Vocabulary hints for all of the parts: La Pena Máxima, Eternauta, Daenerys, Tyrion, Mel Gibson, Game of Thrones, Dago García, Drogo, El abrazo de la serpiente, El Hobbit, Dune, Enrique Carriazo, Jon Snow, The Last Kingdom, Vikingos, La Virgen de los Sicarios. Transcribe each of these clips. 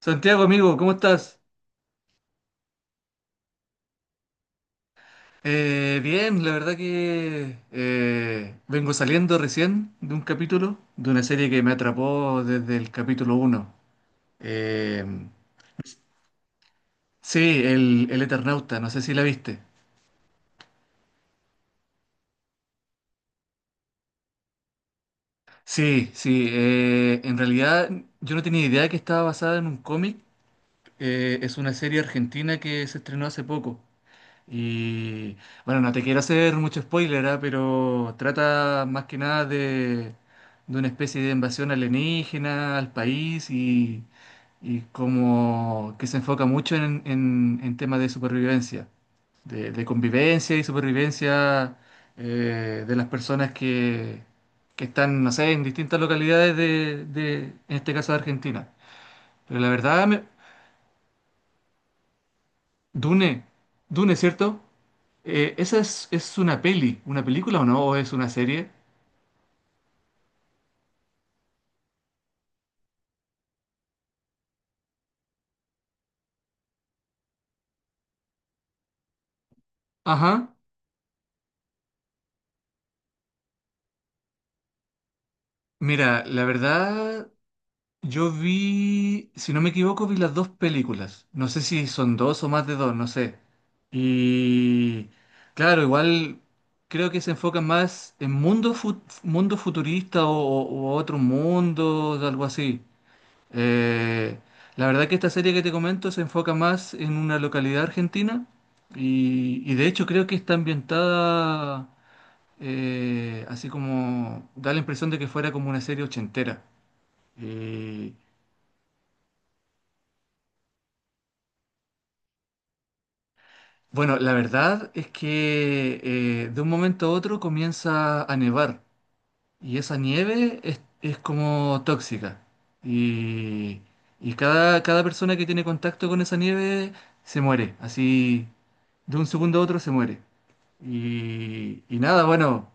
Santiago, amigo, ¿cómo estás? Bien, la verdad que vengo saliendo recién de un capítulo, de una serie que me atrapó desde el capítulo uno. Eh, sí, el Eternauta, no sé si la viste. Sí, sí, en realidad yo no tenía idea que estaba basada en un cómic. Es una serie argentina que se estrenó hace poco. Y bueno, no te quiero hacer mucho spoiler, ¿ah? Pero trata más que nada de una especie de invasión alienígena al país y como que se enfoca mucho en temas de supervivencia, de convivencia y supervivencia de las personas que están, no sé, en distintas localidades en este caso de Argentina. Pero la verdad Dune, Dune, ¿cierto? ¿ Es una peli, una película o no? ¿O es una serie? Ajá. Mira, la verdad, yo vi, si no me equivoco, vi las dos películas. No sé si son dos o más de dos, no sé. Y claro, igual creo que se enfocan más en mundo futurista o otro mundo, algo así. Eh, la verdad que esta serie que te comento se enfoca más en una localidad argentina y de hecho creo que está ambientada así como da la impresión de que fuera como una serie ochentera. Y bueno, la verdad es que de un momento a otro comienza a nevar y esa nieve es como tóxica y, cada persona que tiene contacto con esa nieve se muere, así de un segundo a otro se muere. Y nada, bueno,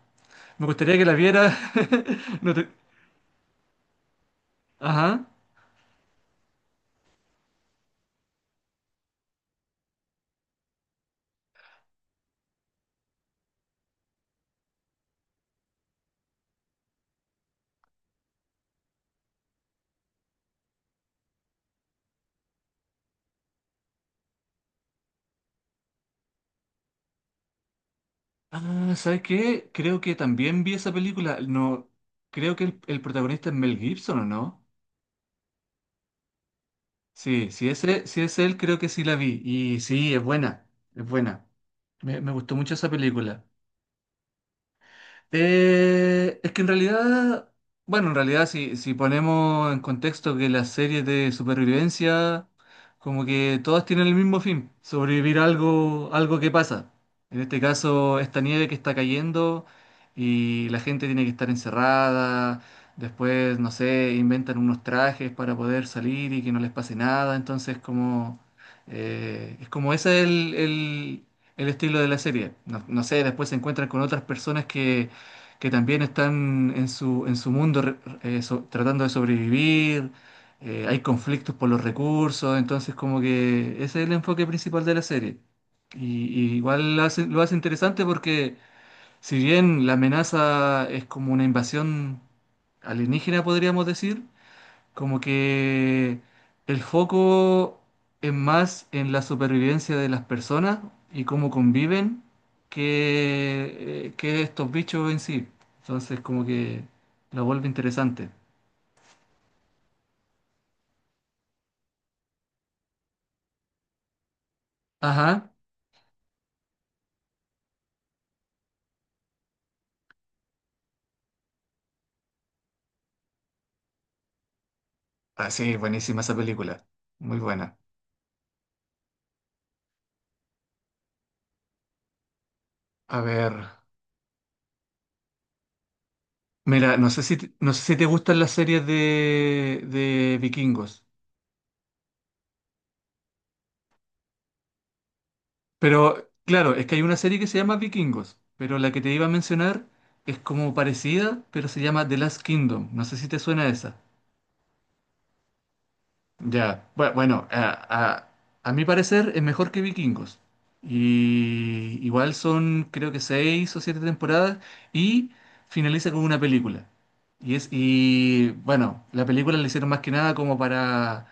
me gustaría que la viera. No te- Ajá. Ah, ¿sabes qué? Creo que también vi esa película. No, creo que el protagonista es Mel Gibson, ¿o no? Sí, si ese, si es él, creo que sí la vi. Y sí, es buena, es buena. Me gustó mucho esa película. Es que en realidad, bueno, en realidad si, si ponemos en contexto que las series de supervivencia, como que todas tienen el mismo fin, sobrevivir a algo, algo que pasa. En este caso, esta nieve que está cayendo y la gente tiene que estar encerrada, después, no sé, inventan unos trajes para poder salir y que no les pase nada, entonces como, es como ese es el estilo de la serie. No, no sé, después se encuentran con otras personas que también están en su mundo tratando de sobrevivir, hay conflictos por los recursos, entonces como que ese es el enfoque principal de la serie. Y, y igual lo hace interesante porque si bien la amenaza es como una invasión alienígena, podríamos decir, como que el foco es más en la supervivencia de las personas y cómo conviven que estos bichos en sí. Entonces, como que lo vuelve interesante. Ajá. Ah, sí, buenísima esa película. Muy buena. A ver. Mira, no sé si, no sé si te gustan las series de vikingos. Pero claro, es que hay una serie que se llama Vikingos, pero la que te iba a mencionar es como parecida, pero se llama The Last Kingdom. No sé si te suena esa. Ya, bueno, a mi parecer es mejor que Vikingos. Y igual son creo que seis o siete temporadas y finaliza con una película. Y es, y bueno, la película la hicieron más que nada como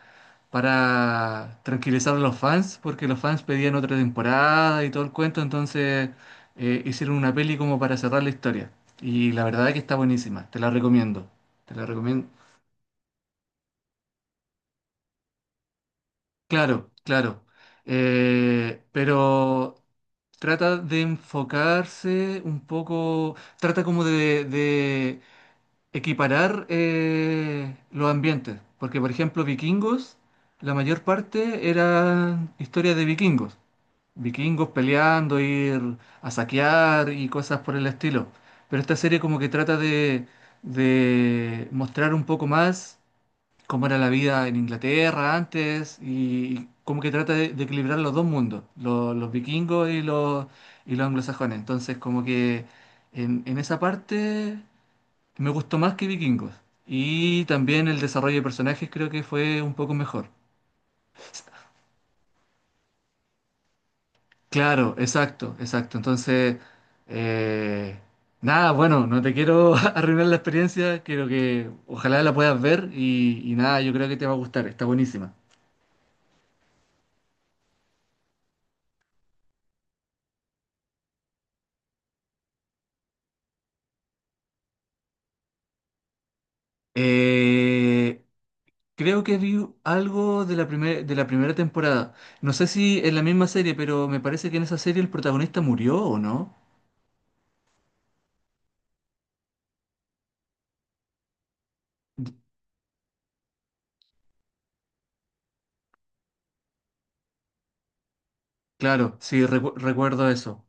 para tranquilizar a los fans, porque los fans pedían otra temporada y todo el cuento, entonces hicieron una peli como para cerrar la historia. Y la verdad es que está buenísima, te la recomiendo. Te la recomiendo. Claro, claro. Pero trata de enfocarse un poco, trata como de equiparar los ambientes, porque por ejemplo, Vikingos, la mayor parte eran historias de vikingos. Vikingos peleando, ir a saquear y cosas por el estilo. Pero esta serie como que trata de mostrar un poco más cómo era la vida en Inglaterra antes y como que trata de equilibrar los dos mundos, los vikingos y los anglosajones. Entonces como que en esa parte me gustó más que vikingos. Y también el desarrollo de personajes creo que fue un poco mejor. Claro, exacto, exacto. Entonces, eh, nada, bueno, no te quiero arruinar la experiencia, quiero que ojalá la puedas ver y nada, yo creo que te va a gustar, está buenísima. Eh, creo que vi algo de de la primera temporada. No sé si en la misma serie, pero me parece que en esa serie el protagonista murió o no. Claro, sí, recuerdo eso.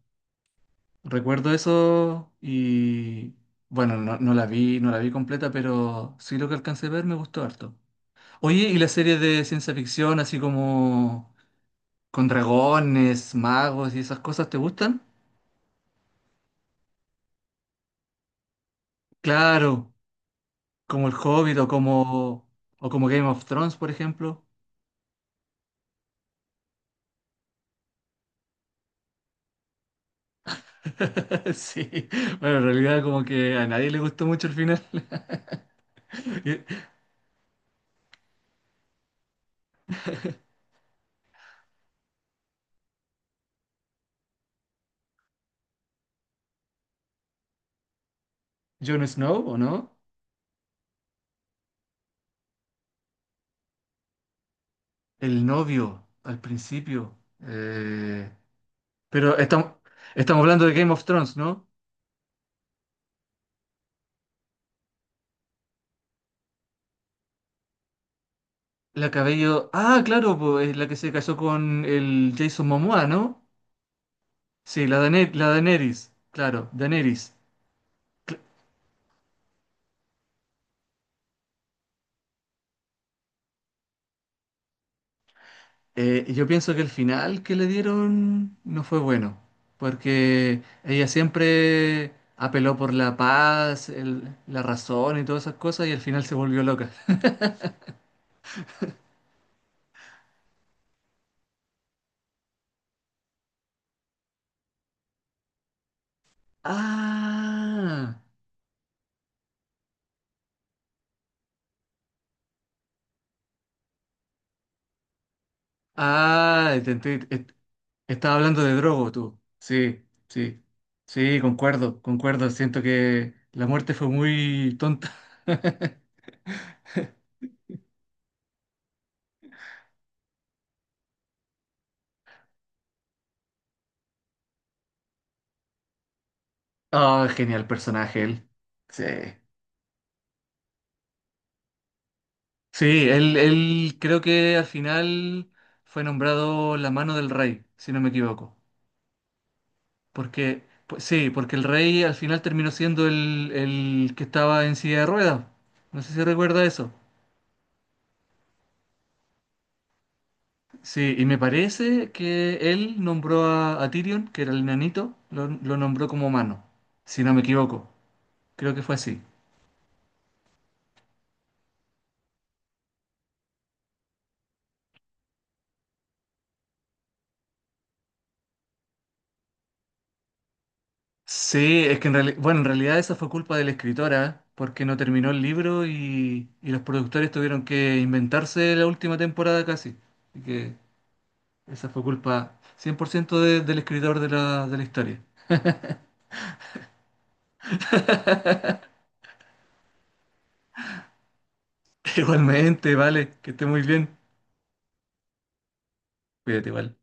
Recuerdo eso y bueno, no, no la vi, no la vi completa, pero sí lo que alcancé a ver me gustó harto. Oye, ¿y las series de ciencia ficción, así como con dragones, magos y esas cosas, te gustan? Claro, como El Hobbit o como Game of Thrones, por ejemplo. Sí, bueno, en realidad como que a nadie le gustó mucho el final. Y- Jon Snow, ¿o no? El novio, al principio. Pero estamos, Estamos hablando de Game of Thrones, ¿no? La cabello... Ah, claro, pues, es la que se casó con el Jason Momoa, ¿no? Sí, la Daenerys, claro, Daenerys. Yo pienso que el final que le dieron no fue bueno, porque ella siempre apeló por la paz, la razón y todas esas cosas, y al final se volvió loca. Ah, ah, estaba hablando de Drogo tú. Sí, sí, sí, concuerdo, concuerdo. Siento que la muerte fue muy tonta. Ah, genial personaje él. Sí. Sí, él creo que al final fue nombrado la mano del rey, si no me equivoco. Porque, pues, sí, porque el rey al final terminó siendo el que estaba en silla de ruedas. No sé si recuerda eso. Sí, y me parece que él nombró a Tyrion, que era el nanito, lo nombró como mano, si no me equivoco. Creo que fue así. Sí, es que en realidad, bueno, en realidad esa fue culpa de la escritora, porque no terminó el libro y los productores tuvieron que inventarse la última temporada casi. Así que esa fue culpa 100% del escritor de la historia. Igualmente, vale, que esté muy bien. Cuídate igual.